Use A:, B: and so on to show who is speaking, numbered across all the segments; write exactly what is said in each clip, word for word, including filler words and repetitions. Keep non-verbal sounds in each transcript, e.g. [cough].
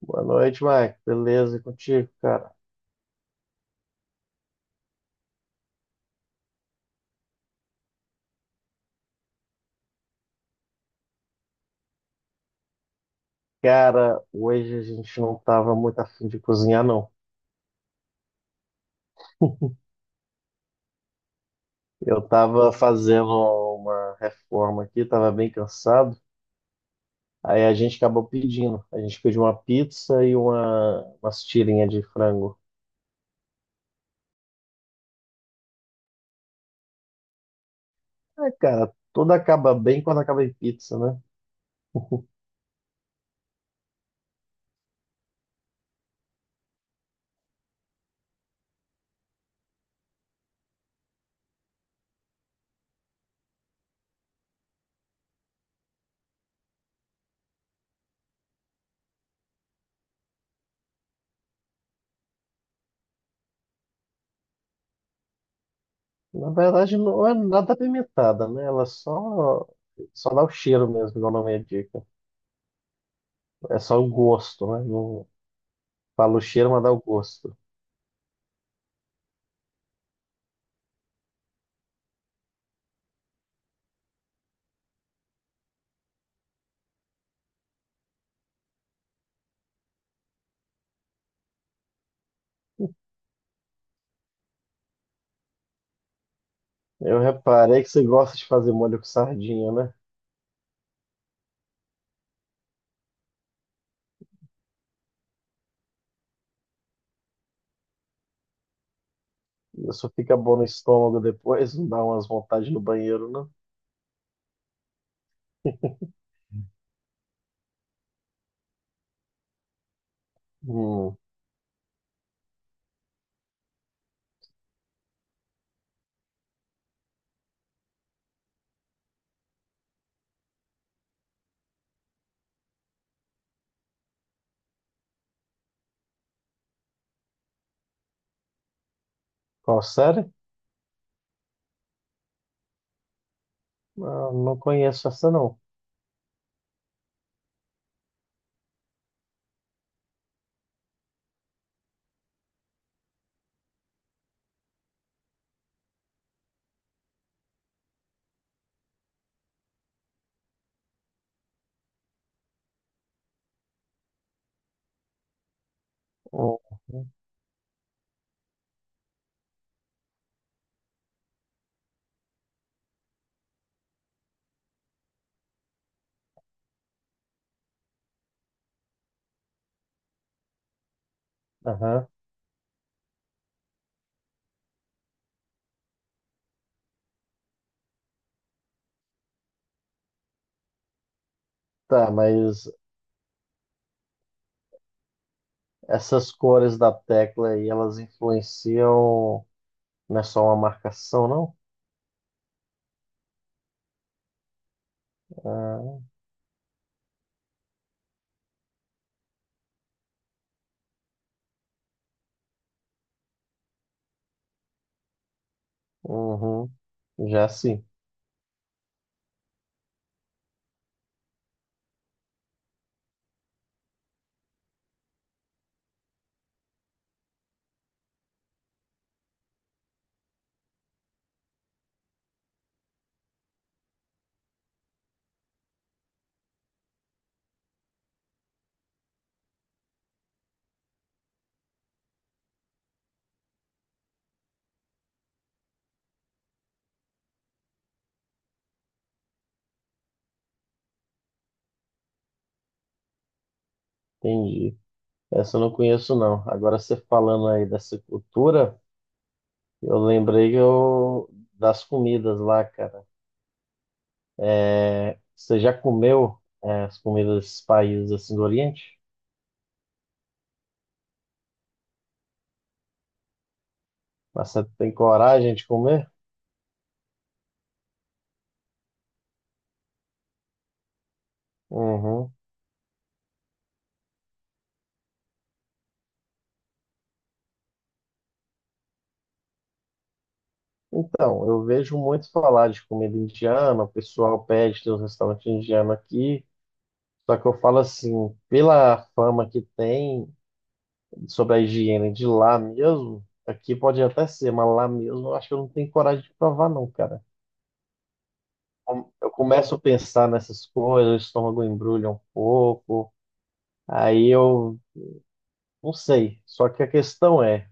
A: Boa noite, Mike. Beleza, e contigo, cara? Cara, hoje a gente não tava muito afim de cozinhar, não. [laughs] Eu tava fazendo uma reforma aqui, tava bem cansado. Aí a gente acabou pedindo. A gente pediu uma pizza e uma, umas tirinhas de frango. É, cara, tudo acaba bem quando acaba em pizza, né? Na verdade, não é nada apimentada, né? Ela só, só dá o cheiro mesmo, igual o nome indica. É só o gosto, né? Não fala o cheiro, mas dá o gosto. Eu reparei que você gosta de fazer molho com sardinha, né? Isso fica bom no estômago depois, não dá umas vontades no banheiro, não? Hum, qual série? Não, não conheço essa, não. Hum. Aham. Tá, mas essas cores da tecla aí, elas influenciam, não é só uma marcação, não? Ah, uhum. Já sim, entendi. Essa eu não conheço, não. Agora você falando aí dessa cultura, eu lembrei que eu, das comidas lá, cara. É, você já comeu é, as comidas desses países assim do Oriente? Mas você tem coragem de comer? Uhum. Então, eu vejo muito falar de comida indiana, o pessoal pede, tem um restaurante indiano aqui. Só que eu falo assim, pela fama que tem sobre a higiene de lá mesmo, aqui pode até ser, mas lá mesmo eu acho que eu não tenho coragem de provar, não, cara. Com- Eu começo a pensar nessas coisas, o estômago embrulha um pouco, aí eu Não sei. Só que a questão é,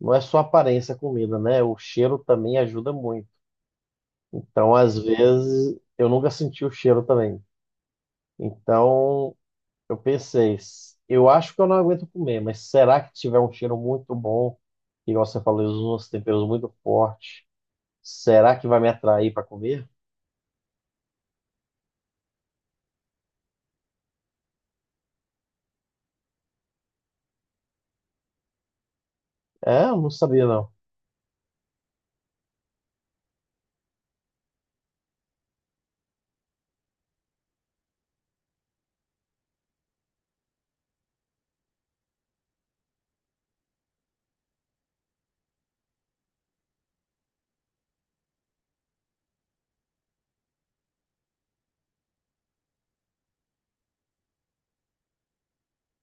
A: não é só a aparência a comida, né? O cheiro também ajuda muito. Então, às vezes, eu nunca senti o cheiro também. Então, eu pensei, s- eu acho que eu não aguento comer, mas será que tiver um cheiro muito bom, igual você falou, eles usam uns temperos muito fortes, será que vai me atrair para comer? É, eu não sabia não.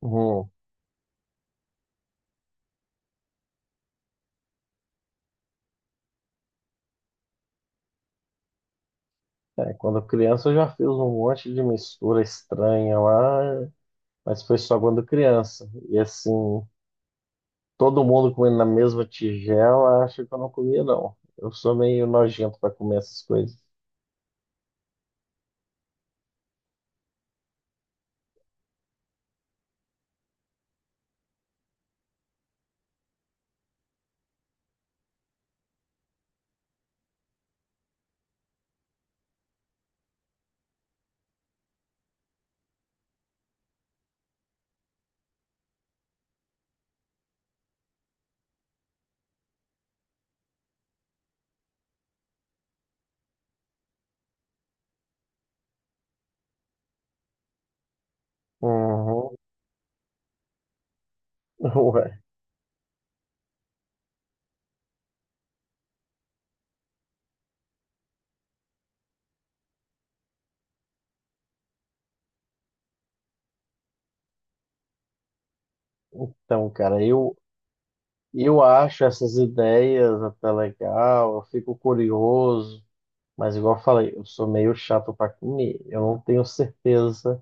A: Uhum. É, quando criança eu já fiz um monte de mistura estranha lá, mas foi só quando criança. E assim, todo mundo comendo na mesma tigela, acho que eu não comia, não. Eu sou meio nojento para comer essas coisas. Uhum. [laughs] Ué, então, cara, eu, eu acho essas ideias até legal, eu fico curioso, mas igual eu falei, eu sou meio chato para comer. Eu não tenho certeza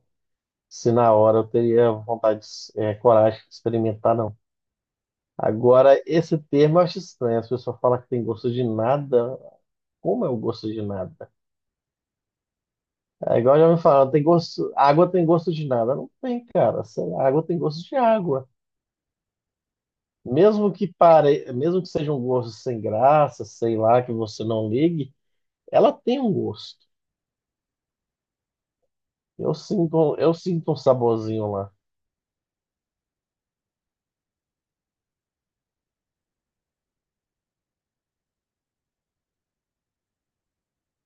A: se na hora eu teria vontade, de- eh, coragem de experimentar, não. Agora, esse termo eu acho estranho. As pessoas falam que tem gosto de nada. Como é o gosto de nada? É igual já me falaram, tem gosto, água tem gosto de nada. Não tem, cara. Sei lá, água tem gosto de água. Mesmo que pare, mesmo que seja um gosto sem graça, sei lá, que você não ligue, ela tem um gosto. Eu sinto, eu sinto um saborzinho lá.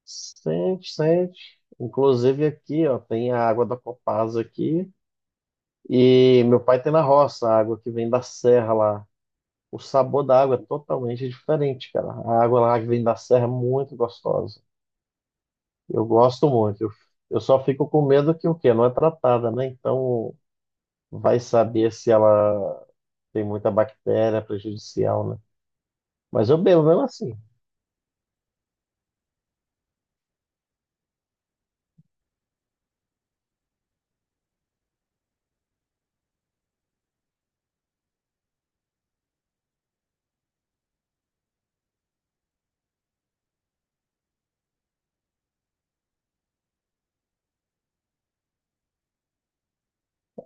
A: Sente, sente. Inclusive aqui, ó, tem a água da Copasa aqui. E meu pai tem na roça a água que vem da serra lá. O sabor da água é totalmente diferente, cara. A água lá que vem da serra é muito gostosa. Eu gosto muito. Eu, eu só fico com medo que o quê? Não é tratada, né? Então vai saber se ela tem muita bactéria prejudicial, né? Mas eu bebo mesmo assim.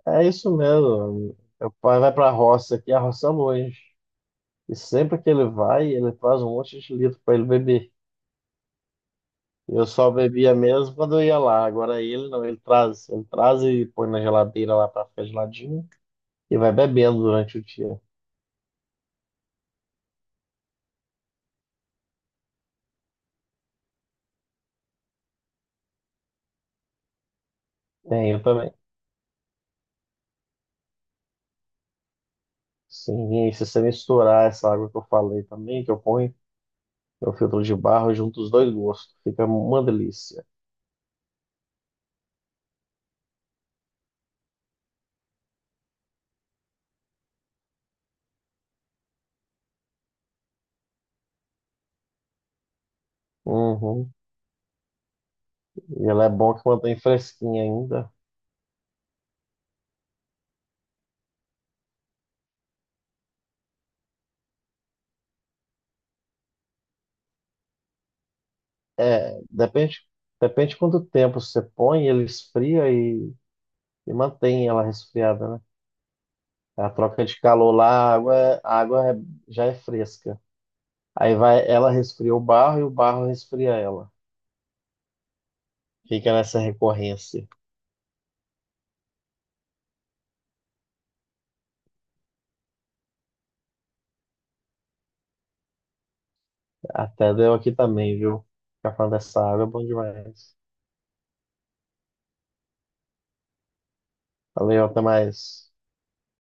A: É isso mesmo. Meu pai vai para a roça aqui, a roça é longe. E sempre que ele vai, ele traz um monte de litro para ele beber. Eu só bebia mesmo quando eu ia lá. Agora ele não, ele traz, ele traz e põe na geladeira lá para ficar geladinho e vai bebendo durante o dia. Tem, eu também. Sim, e aí se você misturar essa água que eu falei também, que eu ponho no filtro de barro, junto os dois gostos, fica uma delícia. Uhum. E ela é bom que mantém fresquinha ainda. É, depende, depende quanto tempo você põe, ele esfria e, e mantém ela resfriada, né? A troca de calor lá, a água, é- a água é- já é fresca. Aí vai, ela resfria o barro e o barro resfria ela. Fica nessa recorrência. Até deu aqui também, viu? Ficar falando dessa água é bom demais. Valeu, até mais.